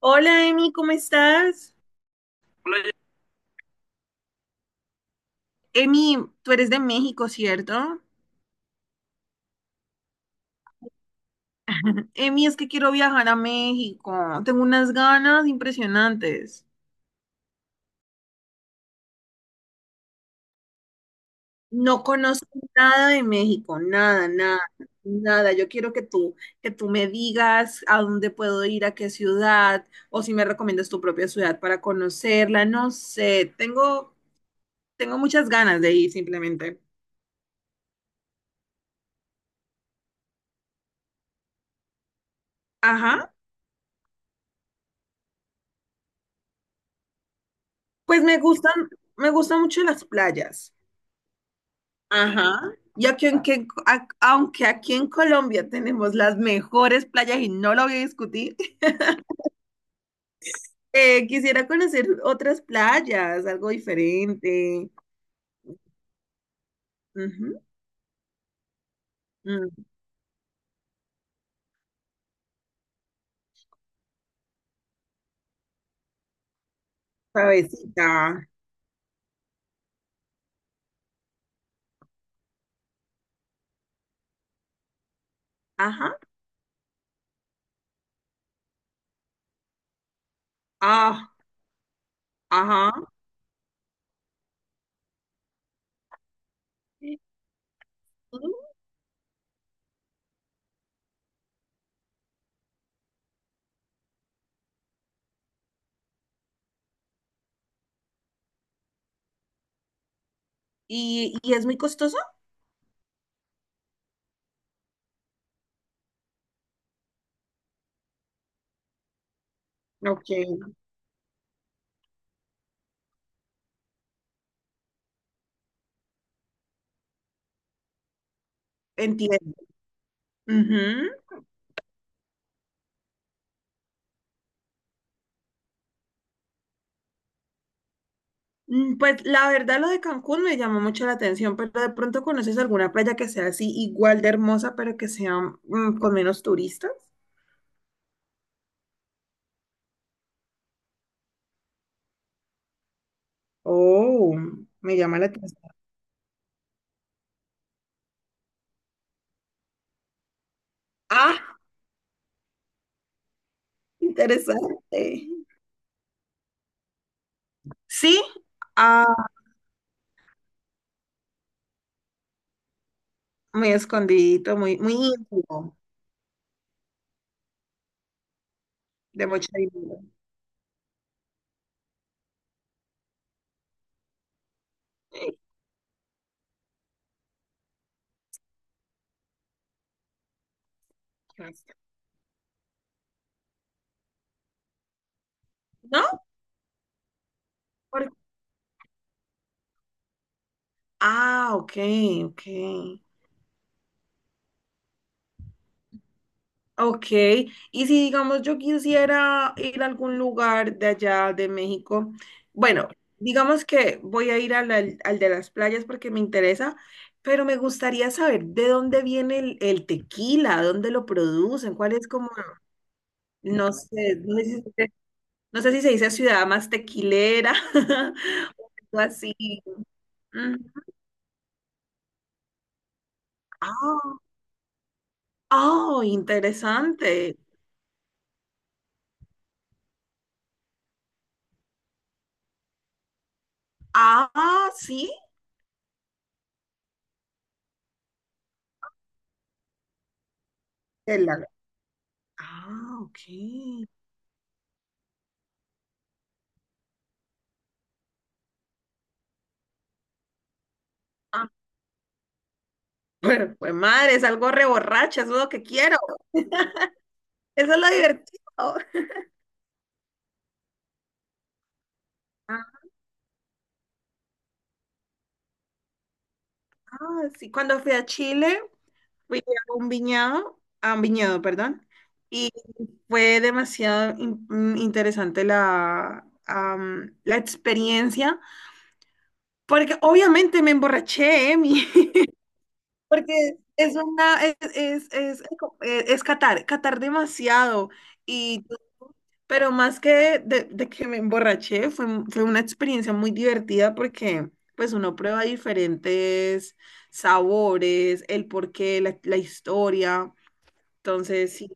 Hola, Emi, ¿cómo estás? Emi, tú eres de México, ¿cierto? Emi, es que quiero viajar a México. Tengo unas ganas impresionantes. No conozco nada de México, nada, nada, nada. Yo quiero que tú me digas a dónde puedo ir, a qué ciudad, o si me recomiendas tu propia ciudad para conocerla. No sé, tengo muchas ganas de ir simplemente. Ajá. Pues me gustan, me gustan mucho las playas. Ajá. Y aquí en que- a- aunque aquí en Colombia tenemos las mejores playas y no lo voy a discutir, quisiera conocer otras playas, algo diferente. Ujú, mm, suavecita. Ajá. Ah, ajá. Y es muy costoso? Ok, entiendo. Ujú. Mm, pues la verdad lo de Cancún me llamó mucho la atención, pero de pronto conoces alguna playa que sea así igual de hermosa, pero que sea con menos turistas. Oh, me llama la atención. Ah, interesante. Sí, ah, muy escondidito, muy íntimo, de mucho dinero. Eh, ¿No? Por- Ah, ok. Ok, y si digamos yo quisiera ir a algún lugar de allá de México, bueno, digamos que voy a ir al de las playas porque me interesa, pero me gustaría saber de dónde viene el tequila, dónde lo producen, cuál es como. No sé, no sé si se, no sé si se dice ciudad más tequilera o algo así. Mm, ah, oh, interesante. Ah, sí. el la- Ah, ok. Ah, bueno, pues madre, es algo reborracha, es lo que quiero. Eso es lo divertido. Ah, sí, cuando fui a Chile, fui a un viñedo, perdón. Fue interesante la experiencia, porque obviamente me emborraché, Emi, porque es una, es catar demasiado, y, pero más que de que me emborraché, fue una experiencia muy divertida porque pues uno prueba diferentes sabores, el porqué, la historia, entonces sí.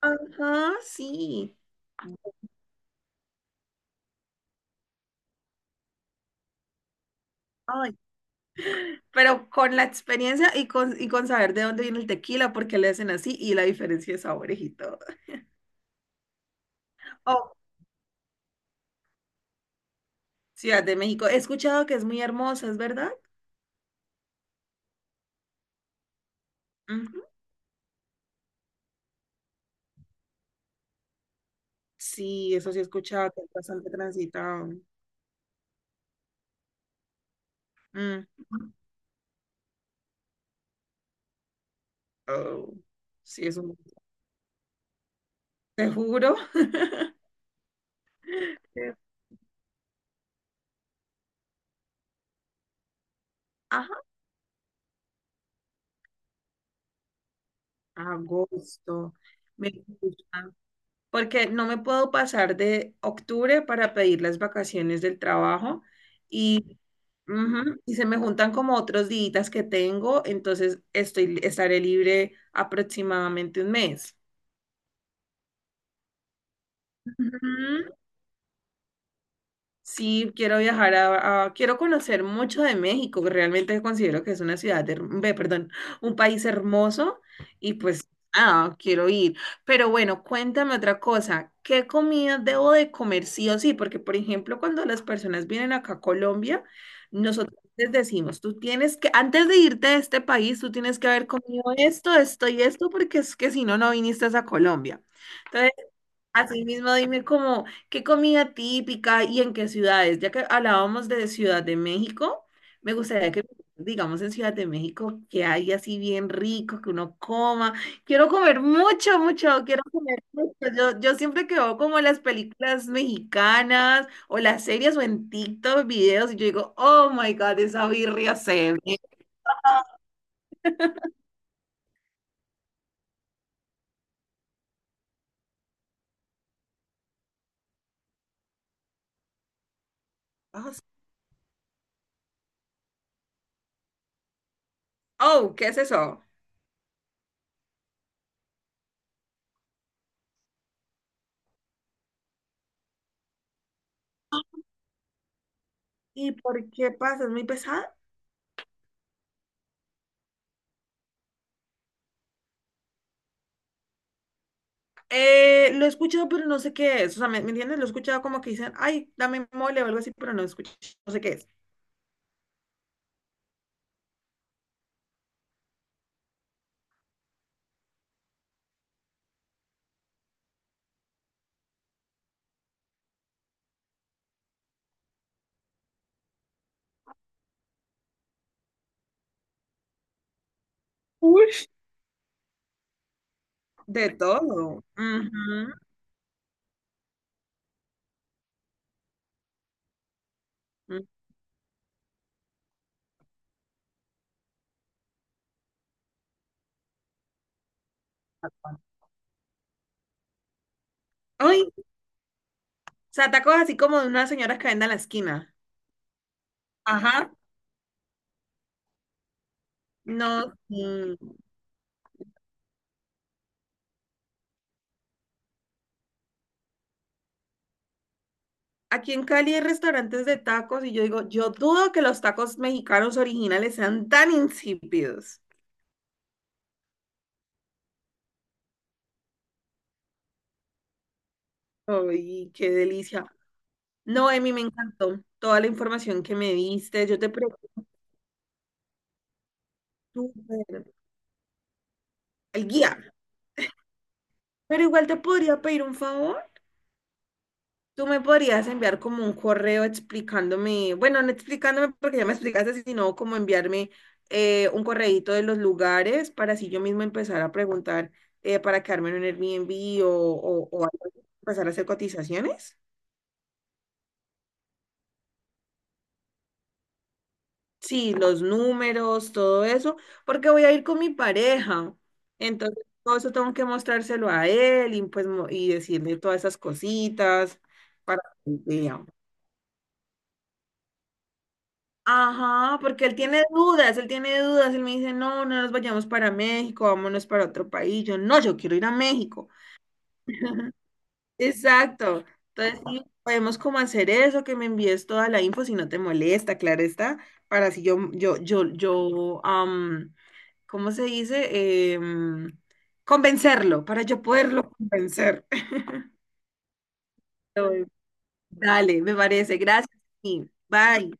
Ajá, sí. Pero con la experiencia y con saber de dónde viene el tequila, por qué le hacen así y la diferencia de sabores y todo. Oh, Ciudad de México. He escuchado que es muy hermosa, ¿es verdad? Ujú. Sí, eso sí he escuchado, que es bastante transitado. Mm. Oh, sí, es un... Te juro. Ajá, agosto. Me gusta. Porque no me puedo pasar de octubre para pedir las vacaciones del trabajo y, ujú, y se me juntan como otros días que tengo, entonces estaré libre aproximadamente un mes. Ujú. Sí, quiero viajar quiero conocer mucho de México, que realmente considero que es una perdón, un país hermoso y pues, ah, quiero ir. Pero bueno, cuéntame otra cosa, ¿qué comida debo de comer sí o sí? Porque, por ejemplo, cuando las personas vienen acá a Colombia, nosotros les decimos, tú tienes que, antes de irte de este país, tú tienes que haber comido esto, esto y esto, porque es que si no, no viniste a Colombia. Entonces, asimismo, dime como qué comida típica y en qué ciudades. Ya que hablábamos de Ciudad de México, me gustaría que digamos en Ciudad de México que hay así bien rico, que uno coma. Quiero comer mucho, mucho, quiero comer mucho. Yo siempre que veo como las películas mexicanas o las series o en TikTok videos y yo digo, oh my God, esa birria se ve. Oh, ¿qué es eso? ¿Y por qué pasa? ¿Es muy pesada? Lo he escuchado, pero no sé qué es. O sea, ¿me entiendes? Lo he escuchado como que dicen, ay, dame mole o algo así, pero no escucho, no sé qué es. Uy. De todo. Ujú. Mm. Ay, o sea, tacos así como de unas señoras que venden a la esquina. Ajá. No, mm, aquí en Cali hay restaurantes de tacos y yo digo, yo dudo que los tacos mexicanos originales sean tan insípidos. Ay, qué delicia. No, Emi, me encantó toda la información que me diste. Yo te pregunto el guía. Pero igual te podría pedir un favor. Tú me podrías enviar como un correo explicándome, bueno, no explicándome porque ya me explicaste, sino como enviarme un correíto de los lugares para así yo mismo empezar a preguntar para quedarme en un Airbnb o algo así, empezar a hacer cotizaciones. Sí, los números, todo eso, porque voy a ir con mi pareja. Entonces, todo eso tengo que mostrárselo a él y, pues, y decirle todas esas cositas para que vea. Ajá, porque él tiene dudas, él tiene dudas, él me dice, no, no nos vayamos para México, vámonos para otro país. Yo, no, yo quiero ir a México. Exacto. Entonces, sí, podemos como hacer eso, que me envíes toda la info si no te molesta, claro está, para si am, ¿cómo se dice? Em, convencerlo, para yo poderlo convencer. Dale, me parece. Gracias. Y bye.